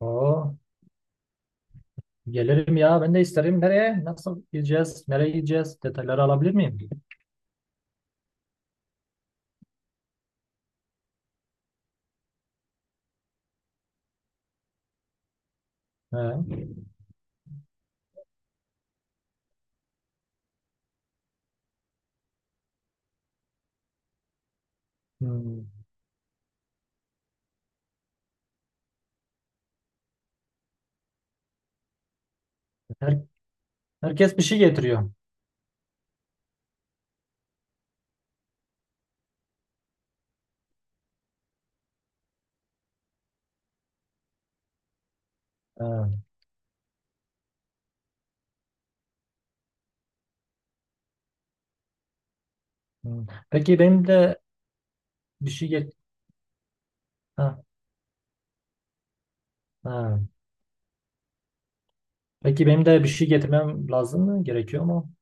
Oo, gelirim ya. Ben de isterim. Nereye? Nasıl gideceğiz? Nereye gideceğiz? Detayları alabilir miyim? He. Hmm. Her, herkes bir şey getiriyor. He. Hmm. Peki benim de bir şey get ha, ha. Peki benim de bir şey getirmem lazım mı? Gerekiyor mu?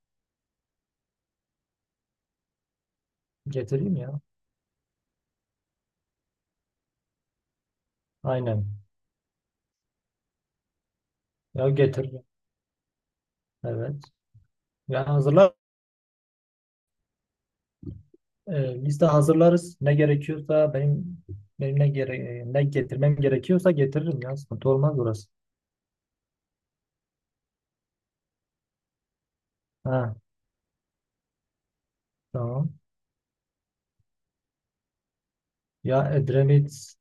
Getireyim ya. Aynen. Ya getir. Evet. Ya hazırlar. Liste hazırlarız. Ne gerekiyorsa benim ne getirmem gerekiyorsa getiririm ya. Sıkıntı olmaz orası. Ha, tamam. Ya Edremit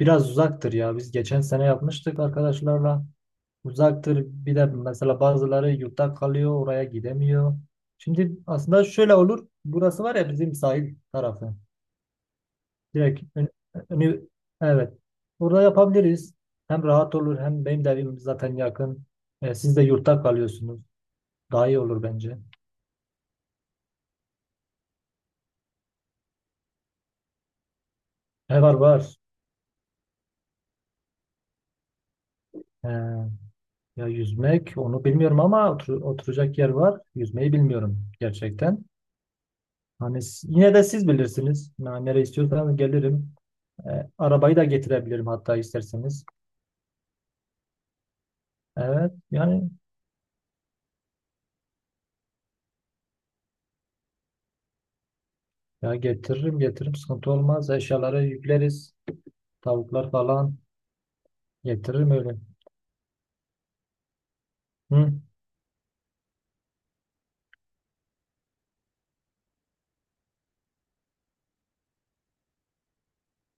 biraz uzaktır ya. Biz geçen sene yapmıştık arkadaşlarla. Uzaktır. Bir de mesela bazıları yurtta kalıyor, oraya gidemiyor. Şimdi aslında şöyle olur. Burası var ya bizim sahil tarafı. Direkt önü, evet. Burada yapabiliriz. Hem rahat olur hem benim de evim zaten yakın. E, siz de yurtta kalıyorsunuz. Daha iyi olur bence. E var var. E, ya yüzmek onu bilmiyorum ama oturacak yer var. Yüzmeyi bilmiyorum gerçekten. Hani yine de siz bilirsiniz. Yani nereye istiyorsanız gelirim. E, arabayı da getirebilirim hatta isterseniz. Evet yani ya getiririm getiririm sıkıntı olmaz. Eşyaları yükleriz. Tavuklar falan getiririm öyle. Hı?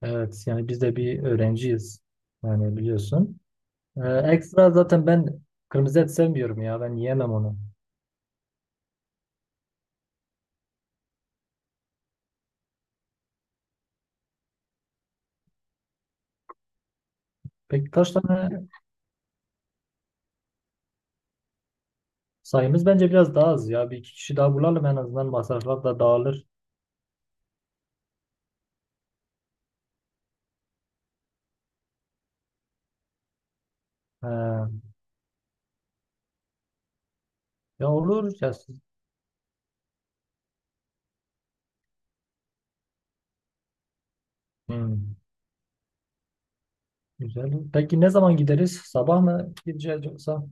Evet yani biz de bir öğrenciyiz. Yani biliyorsun. Ekstra zaten ben kırmızı et sevmiyorum ya ben yiyemem onu. Peki kaç tane sayımız bence biraz daha az ya. Bir iki kişi daha bulalım en azından masraflar da dağılır. E, Ya olur ya siz- Hı. Güzel. Peki ne zaman gideriz? Sabah mı gideceğiz yoksa?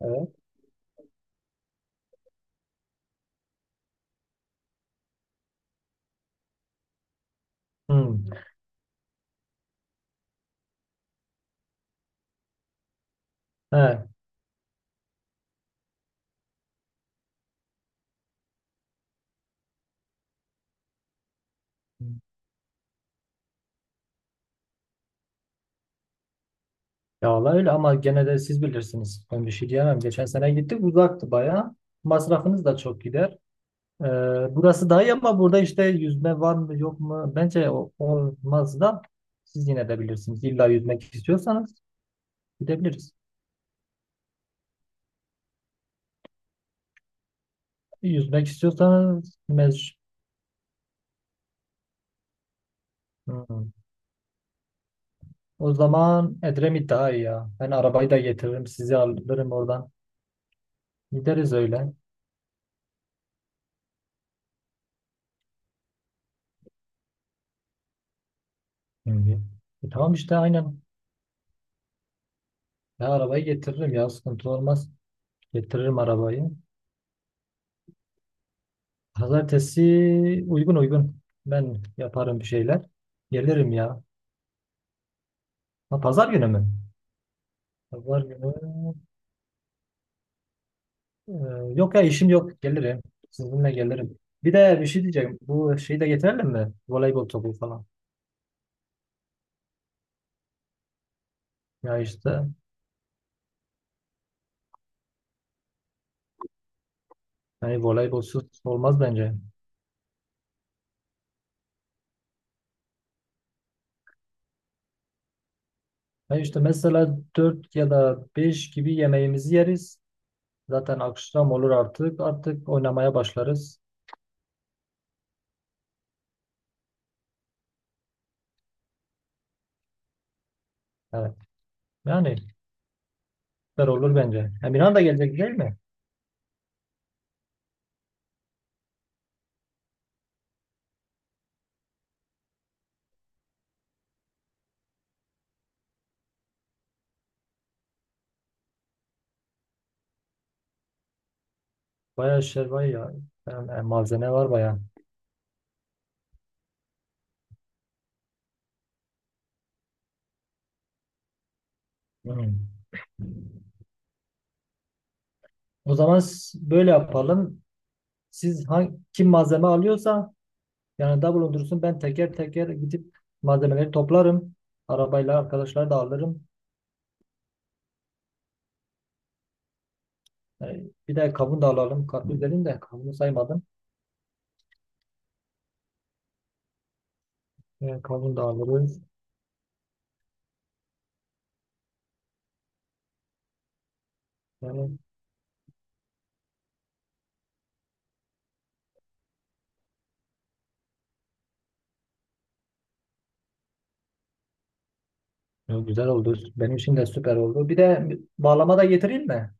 Evet. Hmm. He. Ya valla öyle ama gene de siz bilirsiniz. Ben bir şey diyemem. Geçen sene gittik uzaktı bayağı. Masrafınız da çok gider. Ee, Burası daha iyi ama burada işte yüzme var mı yok mu? Bence olmaz da siz yine de bilirsiniz. İlla yüzmek istiyorsanız gidebiliriz. Yüzmek istiyorsanız Hmm. O zaman Edremit daha iyi ya. Ben arabayı da getiririm. Sizi alırım oradan. Gideriz öyle. Hı hı. E tamam işte aynen. Ben arabayı getiririm ya sıkıntı olmaz. Getiririm arabayı. Pazartesi uygun uygun. Ben yaparım bir şeyler. Gelirim ya. Ha, pazar günü mü? Pazar günü. e, Yok ya işim yok. Gelirim. Sizinle gelirim. Bir de bir şey diyeceğim. Bu şeyi de getirelim mi? Voleybol topu falan. Ya işte hani voleybolsuz olmaz bence. Ya işte mesela 4 ya da 5 gibi yemeğimizi yeriz. Zaten akşam olur artık. Artık oynamaya başlarız. Evet. Yani süper olur bence. Emirhan da gelecek değil mi? Bayağı şey var ya. Yani, malzeme var bayağı. Hmm. O zaman böyle yapalım. Siz kim malzeme alıyorsa yanında bulundursun. Ben teker teker gidip malzemeleri toplarım. Arabayla arkadaşlar da alırım. E, bir de kavun da alalım. Karpuz dedim de kavunu saymadım. E, kavun da alırız. Yani, güzel oldu. Benim için de süper oldu. Bir de bağlama da getireyim mi?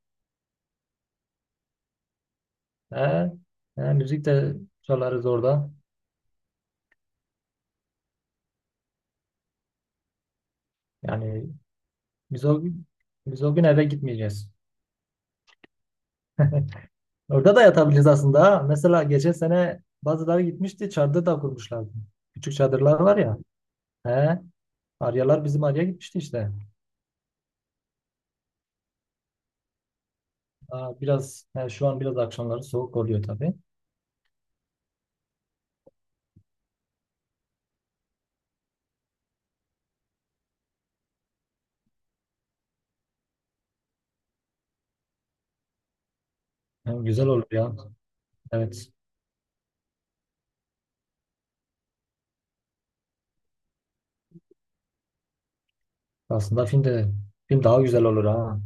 He, he, müzik de çalarız orada. Yani biz o gün, biz o gün eve gitmeyeceğiz. Orada da yatabiliriz aslında. Ha. Mesela geçen sene bazıları gitmişti, çadır da kurmuşlardı. Küçük çadırlar var ya. He, Aryalar bizim Arya gitmişti işte. Aa, biraz he, şu an biraz akşamları soğuk oluyor tabii. Hem güzel olur ya. Evet. Aslında film de film daha güzel olur ha.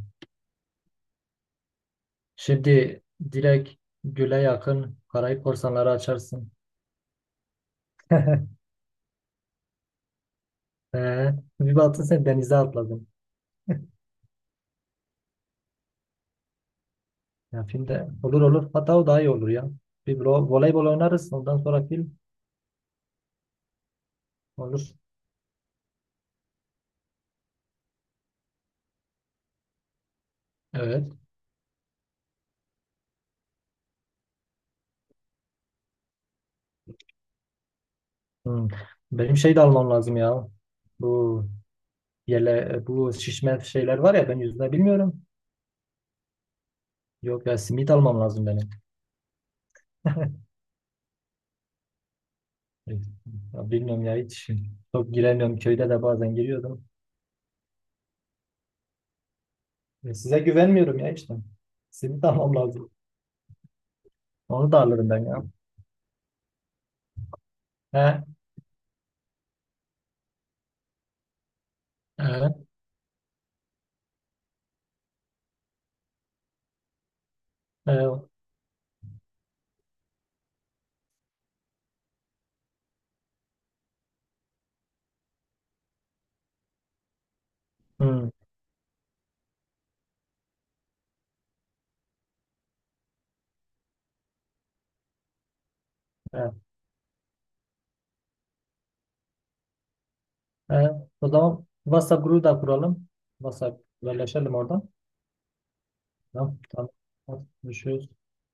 Şimdi direkt Gül'e yakın Karayip Korsanları açarsın. Ee, Bir baktın sen denize atladın. Ya filmde olur olur. Hatta o daha iyi olur ya. Bir voleybol oynarız. Ondan sonra film olur. Evet. Hmm. Benim şey de almam lazım ya. Bu yele, bu şişme şeyler var ya ben yüzme bilmiyorum. Yok ya simit almam lazım benim. Ya bilmiyorum ya hiç. Çok giremiyorum. Köyde de bazen giriyordum. Size güvenmiyorum ya işte. Simit almam lazım. Onu da alırım ben ya. He, he, he. Hmm, he. Ee, O zaman WhatsApp grubu da kuralım. WhatsApp haberleşelim oradan. Tamam. Tamam. Görüşürüz.